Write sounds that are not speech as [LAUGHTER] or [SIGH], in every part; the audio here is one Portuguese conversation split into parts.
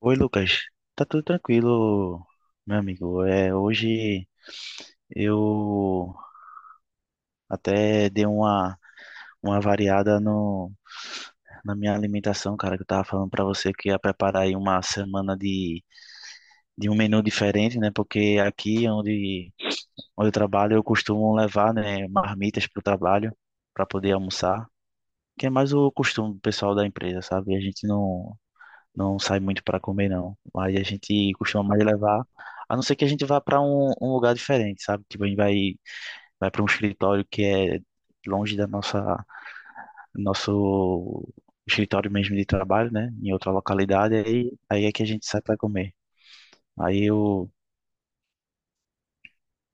Oi, Lucas. Tá tudo tranquilo, meu amigo. Hoje eu até dei uma variada no, na minha alimentação, cara, que eu tava falando pra você que ia preparar aí uma semana de um menu diferente, né? Porque onde eu trabalho, eu costumo levar, né, marmitas pro trabalho pra poder almoçar, que é mais o costume do pessoal da empresa, sabe? A gente não, não sai muito para comer, não. Aí a gente costuma mais levar, a não ser que a gente vá para um lugar diferente, sabe? Tipo, vai para um escritório que é longe da nosso escritório mesmo de trabalho, né? Em outra localidade, aí é que a gente sai para comer. Aí eu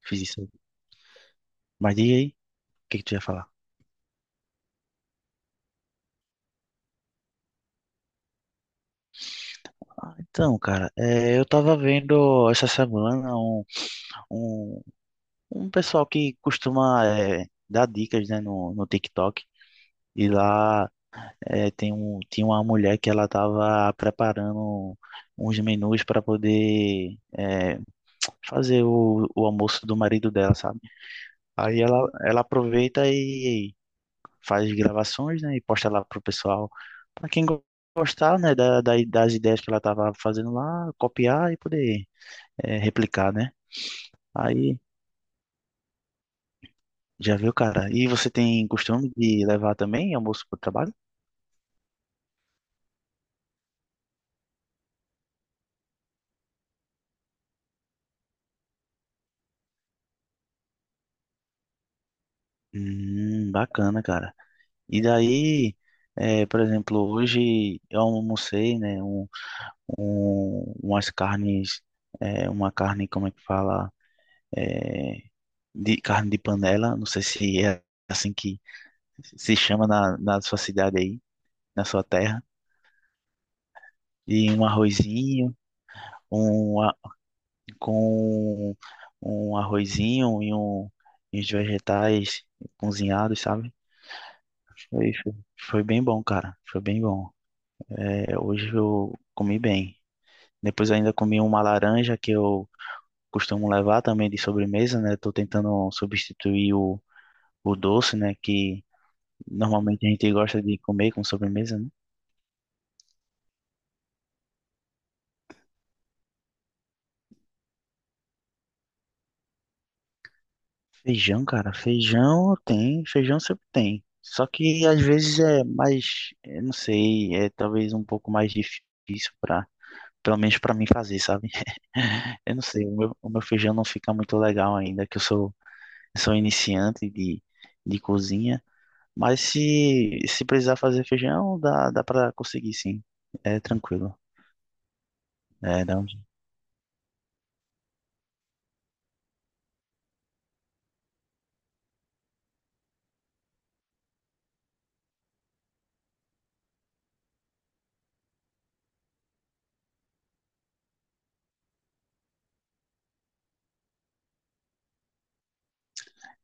fiz isso. Mas diga aí, o que que tu ia falar? Então, cara, eu tava vendo essa semana um, um pessoal que costuma dar dicas, né, no TikTok. E lá É, tinha uma mulher que ela estava preparando uns menus para poder fazer o almoço do marido dela, sabe? Aí ela aproveita e faz gravações, né, e posta lá pro pessoal, para gostar, né, das ideias que ela estava fazendo lá, copiar e poder replicar, né? Aí já viu, cara. E você tem costume de levar também almoço pro trabalho? Bacana, cara. E daí, por exemplo, hoje eu almocei, né, umas carnes, uma carne, como é que fala, eh, de carne de panela, não sei se é assim que se chama na sua cidade aí, na sua terra, e um arrozinho, um, a- com um arrozinho e e uns vegetais cozinhados, sabe? Foi, foi foi bem bom, cara, foi bem bom. É, hoje eu comi bem. Depois eu ainda comi uma laranja que eu costumo levar também de sobremesa, né? Tô tentando substituir o doce, né? Que normalmente a gente gosta de comer com sobremesa, né? Feijão, cara, feijão tem, feijão sempre tem. Só que às vezes é mais, eu não sei, é talvez um pouco mais difícil para, pelo menos para mim fazer, sabe? [LAUGHS] Eu não sei, o meu feijão não fica muito legal ainda, eu sou iniciante de cozinha. Mas se precisar fazer feijão, dá para conseguir, sim. É tranquilo. É, dá um-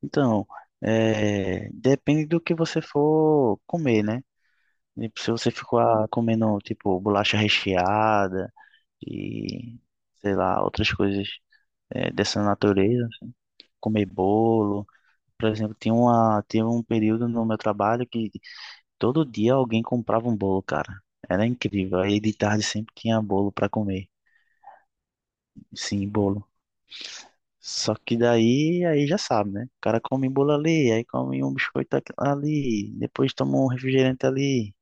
Então, depende do que você for comer, né? Tipo, se você ficar comendo, tipo, bolacha recheada e, sei lá, outras coisas dessa natureza, comer bolo. Por exemplo, tinha um período no meu trabalho que todo dia alguém comprava um bolo, cara. Era incrível. Aí de tarde sempre tinha bolo para comer. Sim, bolo. Só que daí, aí já sabe, né? O cara come bolo ali, aí come um biscoito ali, depois toma um refrigerante ali.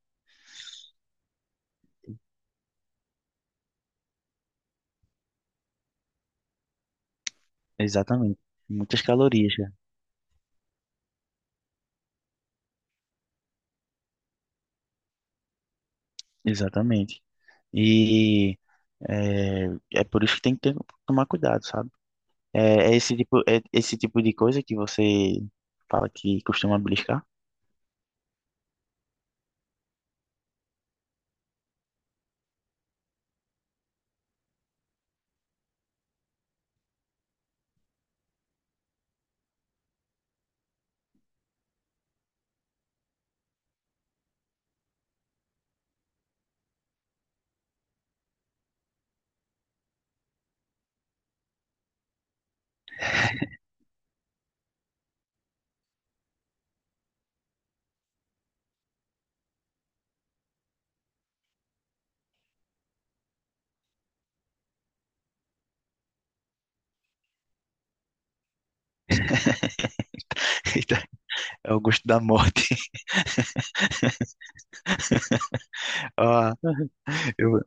Exatamente. Muitas calorias, cara. Exatamente. E é, por isso que tem que ter- tomar cuidado, sabe? É esse tipo de coisa que você fala que costuma beliscar? [LAUGHS] Eita, é o gosto da morte. [LAUGHS] Ó, eu...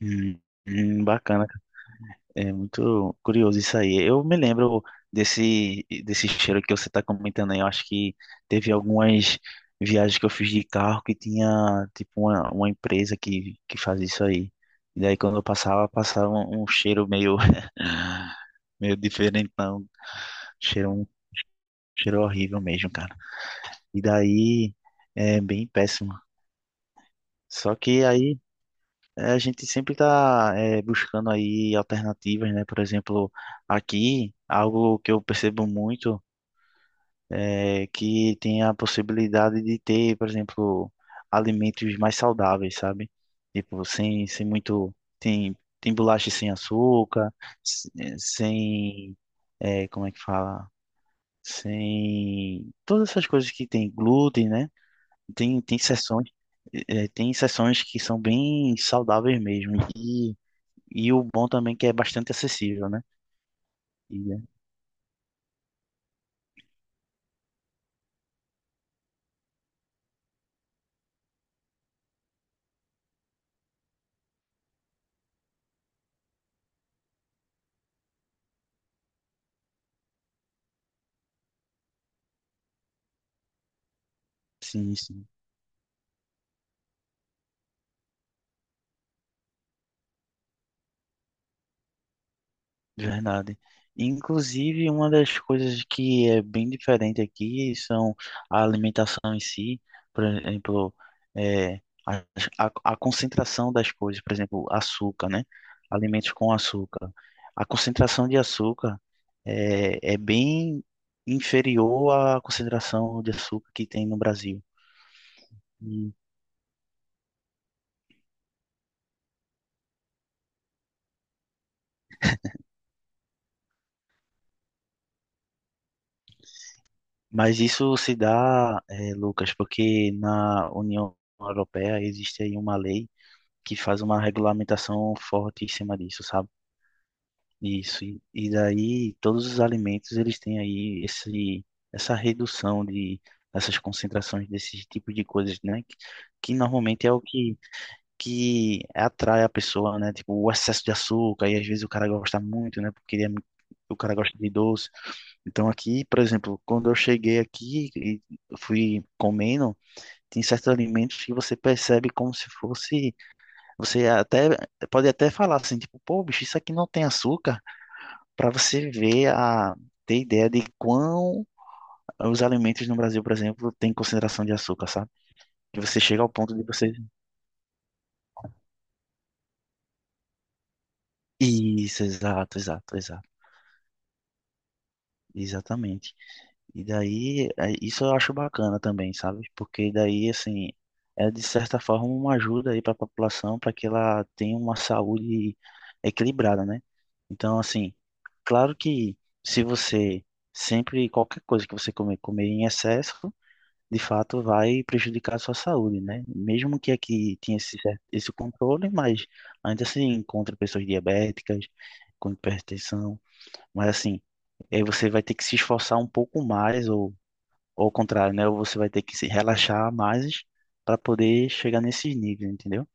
Hum, bacana. É muito curioso isso aí. Eu me lembro desse cheiro que você está comentando aí. Eu acho que teve algumas viagens que eu fiz de carro que tinha, tipo, uma empresa que faz isso aí. E daí, quando eu passava, passava um cheiro meio, [LAUGHS] meio diferentão. Cheiro, um cheiro horrível mesmo, cara. E daí, é bem péssimo. Só que aí... É, a gente sempre está buscando aí alternativas, né? Por exemplo, aqui, algo que eu percebo muito é que tem a possibilidade de ter, por exemplo, alimentos mais saudáveis, sabe? Tipo, sem muito. Tem bolacha sem açúcar, sem. É, como é que fala? Sem. Todas essas coisas que tem glúten, né? Tem seções. Tem sessões que são bem saudáveis mesmo. E o bom também é que é bastante acessível, né? E, é, sim, sim, verdade. Inclusive, uma das coisas que é bem diferente aqui são a alimentação em si, por exemplo, é, a, a concentração das coisas, por exemplo, açúcar, né? Alimentos com açúcar. A concentração de açúcar é bem inferior à concentração de açúcar que tem no Brasil. Mas isso se dá, Lucas, porque na União Europeia existe aí uma lei que faz uma regulamentação forte em cima disso, sabe? Isso. E daí todos os alimentos eles têm aí essa redução de essas concentrações desses tipos de coisas, né? Que normalmente é o que, que atrai a pessoa, né? Tipo, o excesso de açúcar, e às vezes o cara gosta muito, né? Porque ele é, mu- o cara gosta de doce. Então aqui, por exemplo, quando eu cheguei aqui e fui comendo, tem certos alimentos que você percebe como se fosse, você até pode até falar assim, tipo, pô, bicho, isso aqui não tem açúcar, para você ver a ter ideia de quão os alimentos no Brasil, por exemplo, têm concentração de açúcar, sabe? Que você chega ao ponto de você Isso, exato, exato, exato. Exatamente. E daí, isso eu acho bacana também, sabe? Porque daí, assim, é de certa forma uma ajuda aí para a população para que ela tenha uma saúde equilibrada, né? Então, assim, claro que se você sempre, qualquer coisa que você comer, comer em excesso, de fato vai prejudicar a sua saúde, né? Mesmo que aqui tenha esse, cer- esse controle, mas ainda se encontra pessoas diabéticas, com hipertensão, mas assim, aí você vai ter que se esforçar um pouco mais, ou ao contrário, né? Ou você vai ter que se relaxar mais para poder chegar nesses níveis, entendeu?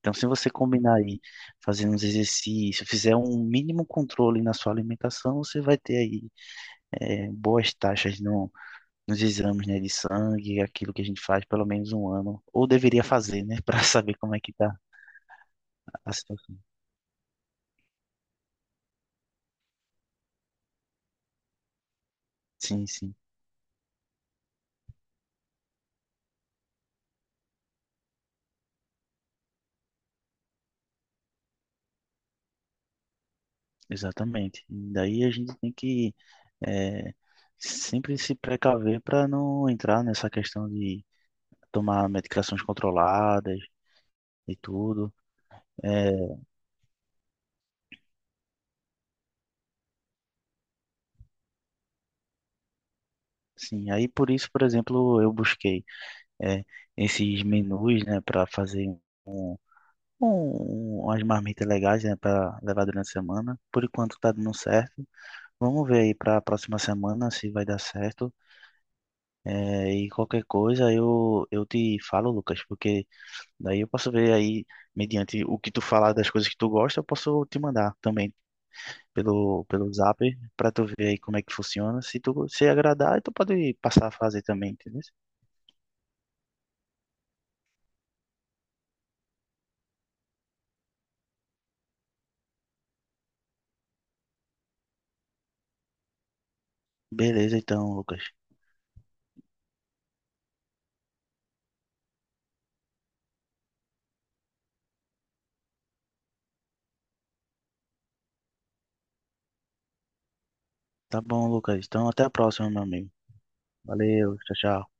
Então, se você combinar aí, fazendo uns exercícios, fizer um mínimo controle na sua alimentação, você vai ter aí boas taxas no, nos exames, né, de sangue, aquilo que a gente faz pelo menos um ano, ou deveria fazer, né, [LAUGHS] para saber como é que tá a situação. Sim, sim, exatamente. E daí a gente tem que é, sempre se precaver para não entrar nessa questão de tomar medicações controladas e tudo. É, sim, aí por isso, por exemplo, eu busquei é, esses menus, né, para fazer um, umas marmitas legais, né, para levar durante a semana. Por enquanto tá dando certo. Vamos ver aí para a próxima semana se vai dar certo. É, e qualquer coisa eu te falo, Lucas, porque daí eu posso ver aí, mediante o que tu falar das coisas que tu gosta, eu posso te mandar também pelo Zap pra tu ver aí como é que funciona. Se tu se agradar, aí tu pode passar a fazer também, entendeu? Beleza, então, Lucas. Tá bom, Lucas. Então, até a próxima, meu amigo. Valeu, tchau, tchau.